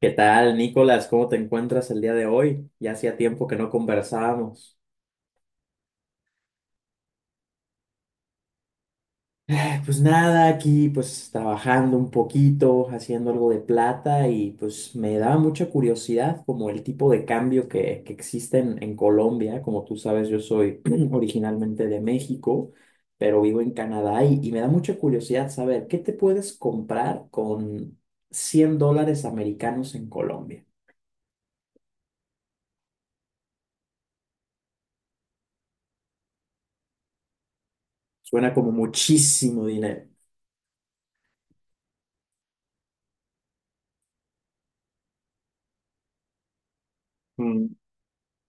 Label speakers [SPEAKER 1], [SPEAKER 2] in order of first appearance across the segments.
[SPEAKER 1] ¿Qué tal, Nicolás? ¿Cómo te encuentras el día de hoy? Ya hacía tiempo que no conversábamos. Pues nada, aquí pues trabajando un poquito, haciendo algo de plata y pues me daba mucha curiosidad como el tipo de cambio que existe en Colombia. Como tú sabes, yo soy originalmente de México, pero vivo en Canadá y me da mucha curiosidad saber qué te puedes comprar con 100 dólares americanos en Colombia. Suena como muchísimo dinero.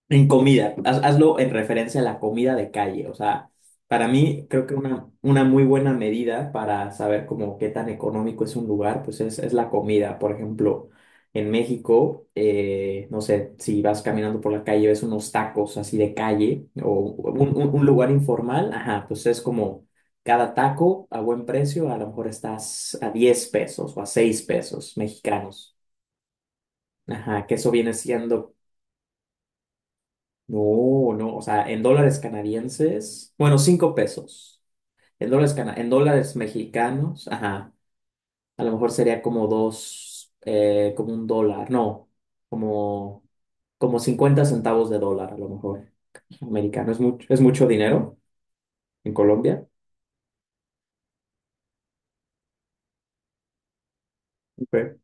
[SPEAKER 1] En comida, hazlo en referencia a la comida de calle. O sea, para mí creo que una muy buena medida para saber como qué tan económico es un lugar, pues es la comida. Por ejemplo, en México, no sé, si vas caminando por la calle, ves unos tacos así de calle o un lugar informal, ajá, pues es como cada taco a buen precio, a lo mejor estás a 10 pesos o a 6 pesos mexicanos. Ajá, que eso viene siendo no, no, o sea, en dólares canadienses, bueno, 5 pesos. En dólares, en dólares mexicanos, ajá, a lo mejor sería como dos, como un dólar, no, como, como 50 centavos de dólar, a lo mejor, americano. Es mucho dinero en Colombia. Ok.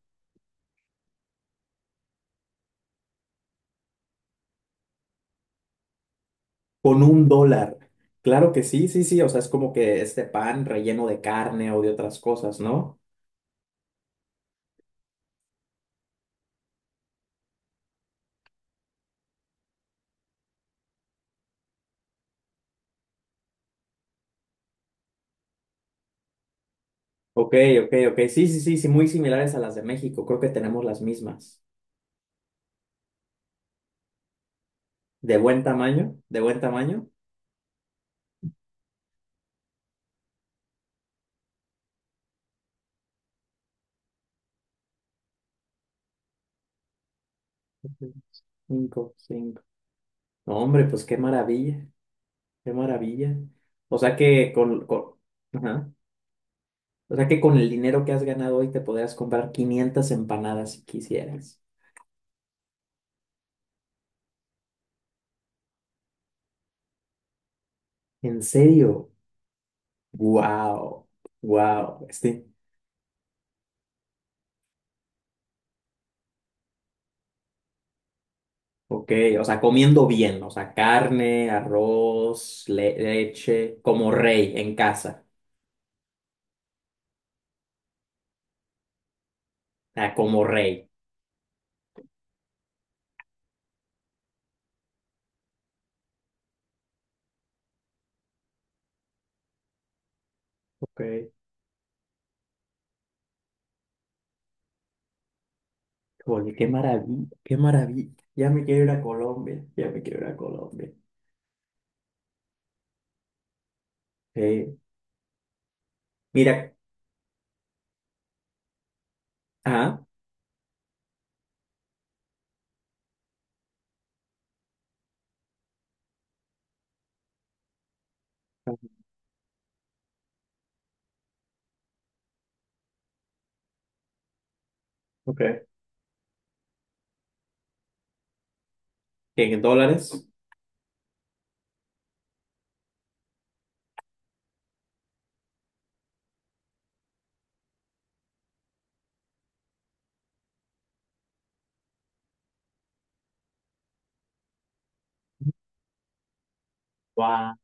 [SPEAKER 1] Con un dólar. Claro que sí, sí, sí. O sea, es como que este pan relleno de carne o de otras cosas, ¿no? Ok, ok, ok. Sí, sí, sí, sí, muy similares a las de México. Creo que tenemos las mismas. De buen tamaño, de buen tamaño. Cinco, cinco. No, hombre, pues qué maravilla, qué maravilla. O sea que con, ajá. O sea que con el dinero que has ganado hoy te podrías comprar 500 empanadas si quisieras. ¿En serio? Wow, wow. Ok, o sea, comiendo bien, o sea, carne, arroz, leche, como rey en casa. Ah, como rey. Ok. Oye, qué maravilla, qué maravilla. Ya me quiero ir a Colombia, ya me quiero ir a Colombia. Eh, mira, ah, ok. En dólares, wow.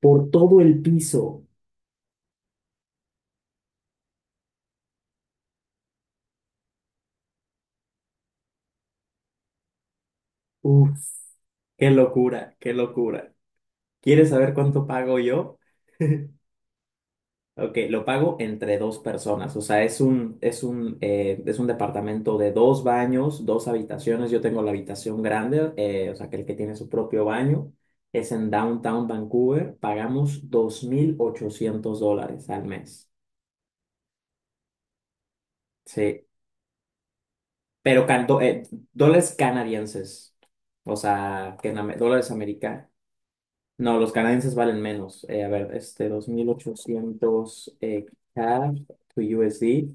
[SPEAKER 1] Por todo el piso. Uf, qué locura, qué locura. ¿Quieres saber cuánto pago yo? Ok, lo pago entre dos personas, o sea, es un departamento de dos baños, dos habitaciones, yo tengo la habitación grande, o sea, que el que tiene su propio baño, es en Downtown Vancouver, pagamos 2.800 dólares al mes, sí, pero dólares canadienses, o sea, que en dólares americanos. No, los canadienses valen menos. A ver, este 2.800 CAD to USD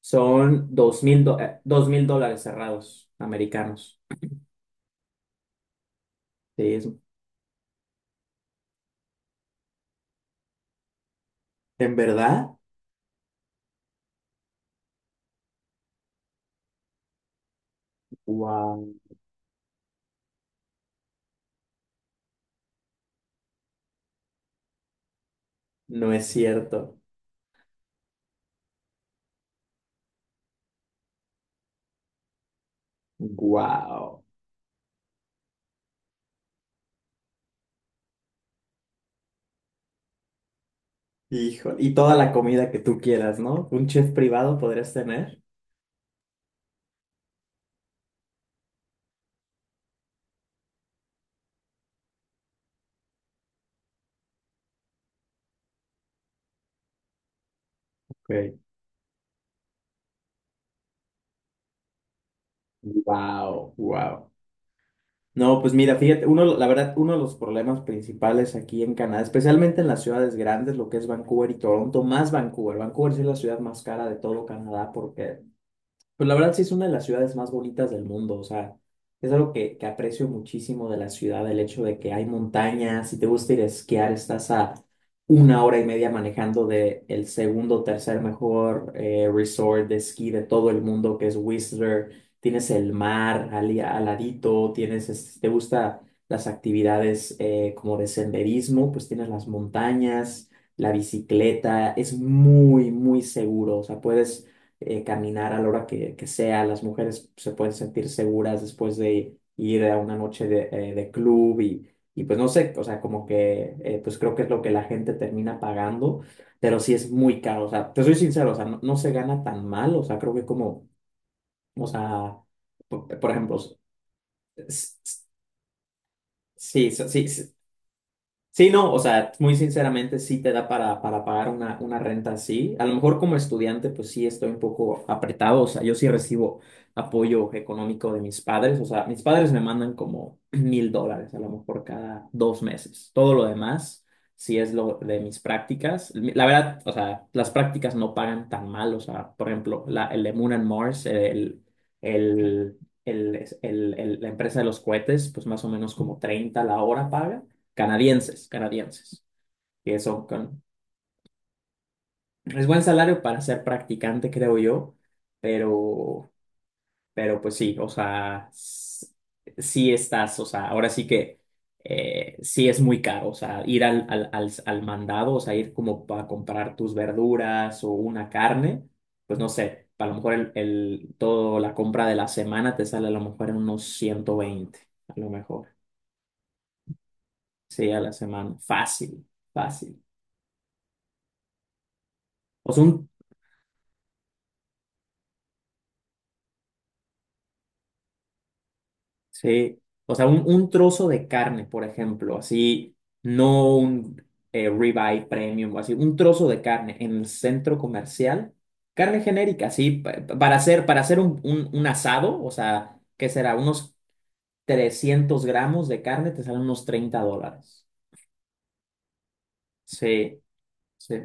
[SPEAKER 1] son 2.000 2.000 dólares cerrados americanos. Sí, ¿en verdad? Wow. No es cierto. Wow. Hijo, y toda la comida que tú quieras, ¿no? Un chef privado podrías tener. Ok. Wow, wow. No, pues mira, fíjate, uno, la verdad, uno de los problemas principales aquí en Canadá, especialmente en las ciudades grandes, lo que es Vancouver y Toronto, más Vancouver. Vancouver sí es la ciudad más cara de todo Canadá porque pues la verdad sí es una de las ciudades más bonitas del mundo, o sea, es algo que aprecio muchísimo de la ciudad, el hecho de que hay montañas, si te gusta ir a esquiar, estás a una hora y media manejando de el segundo o tercer mejor resort de esquí de todo el mundo, que es Whistler, tienes el mar al, ladito, tienes, si te gusta las actividades como de senderismo, pues tienes las montañas, la bicicleta, es muy, muy seguro, o sea, puedes caminar a la hora que sea. Las mujeres se pueden sentir seguras después de ir a una noche de club y pues no sé, o sea, como que pues creo que es lo que la gente termina pagando, pero sí es muy caro. O sea, te soy sincero, o sea, no, no se gana tan mal, o sea, creo que como, o sea, por ejemplo, s- s- sí, sí, sí. Sí, no, o sea, muy sinceramente sí te da para pagar una renta así. A lo mejor como estudiante, pues sí estoy un poco apretado, o sea, yo sí recibo apoyo económico de mis padres, o sea, mis padres me mandan como 1.000 dólares a lo mejor cada 2 meses. Todo lo demás, sí es lo de mis prácticas. La verdad, o sea, las prácticas no pagan tan mal, o sea, por ejemplo, la, el de Moon and Mars, el, el, la empresa de los cohetes, pues más o menos como 30 la hora paga canadienses, canadienses, que son con... pues, es buen salario para ser practicante, creo yo, pero, pues sí, o sea, sí estás, o sea, ahora sí que sí es muy caro, o sea, ir al mandado, o sea, ir como para comprar tus verduras o una carne, pues no sé, a lo mejor toda la compra de la semana te sale a lo mejor en unos 120 a lo mejor, sí, a la semana, fácil, fácil. O sea, un sí, o sea, un trozo de carne, por ejemplo, así, no un ribeye premium o así, un trozo de carne en el centro comercial, carne genérica, así, para hacer un asado, o sea, ¿qué será? Unos 300 gramos de carne te salen unos 30 dólares. Sí, sí,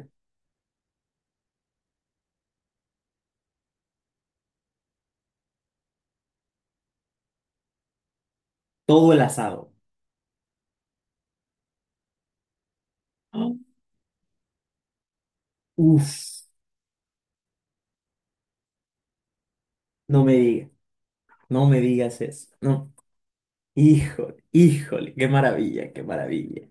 [SPEAKER 1] todo el asado. Ah. Uf, no me digas, no me digas eso, no. Híjole, híjole, qué maravilla, qué maravilla.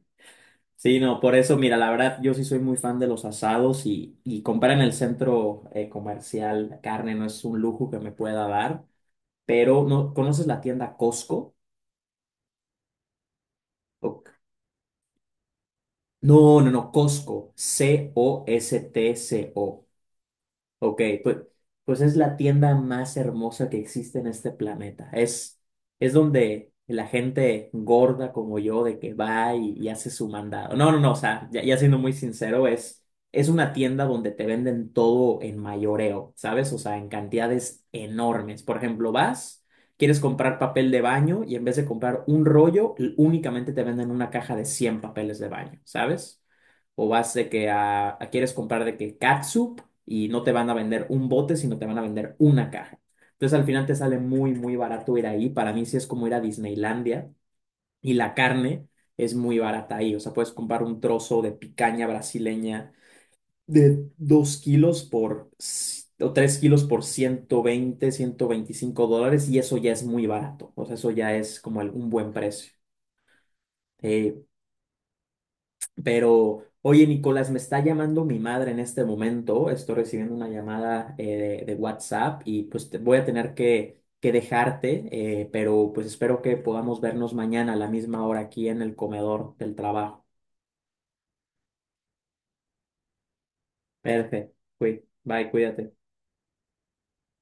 [SPEAKER 1] Sí, no, por eso, mira, la verdad, yo sí soy muy fan de los asados y comprar en el centro comercial carne no es un lujo que me pueda dar, pero ¿no conoces la tienda Costco? O- No, no, no, Costco, Costco. Ok, pues es la tienda más hermosa que existe en este planeta. Es donde la gente gorda como yo de que va y hace su mandado. No, no, no, o sea, ya, ya siendo muy sincero, es una tienda donde te venden todo en mayoreo, ¿sabes? O sea, en cantidades enormes. Por ejemplo, vas, quieres comprar papel de baño y en vez de comprar un rollo, únicamente te venden una caja de 100 papeles de baño, ¿sabes? O vas de que quieres comprar de que catsup y no te van a vender un bote, sino te van a vender una caja. Entonces al final te sale muy, muy barato ir ahí. Para mí sí es como ir a Disneylandia y la carne es muy barata ahí. O sea, puedes comprar un trozo de picaña brasileña de 2 kilos por, o 3 kilos por 120 125 dólares y eso ya es muy barato. O sea, eso ya es como un buen precio. Eh, Pero, oye, Nicolás, me está llamando mi madre en este momento. Estoy recibiendo una llamada de WhatsApp y pues voy a tener que dejarte, pero pues espero que podamos vernos mañana a la misma hora aquí en el comedor del trabajo. Perfecto. Bye, cuídate.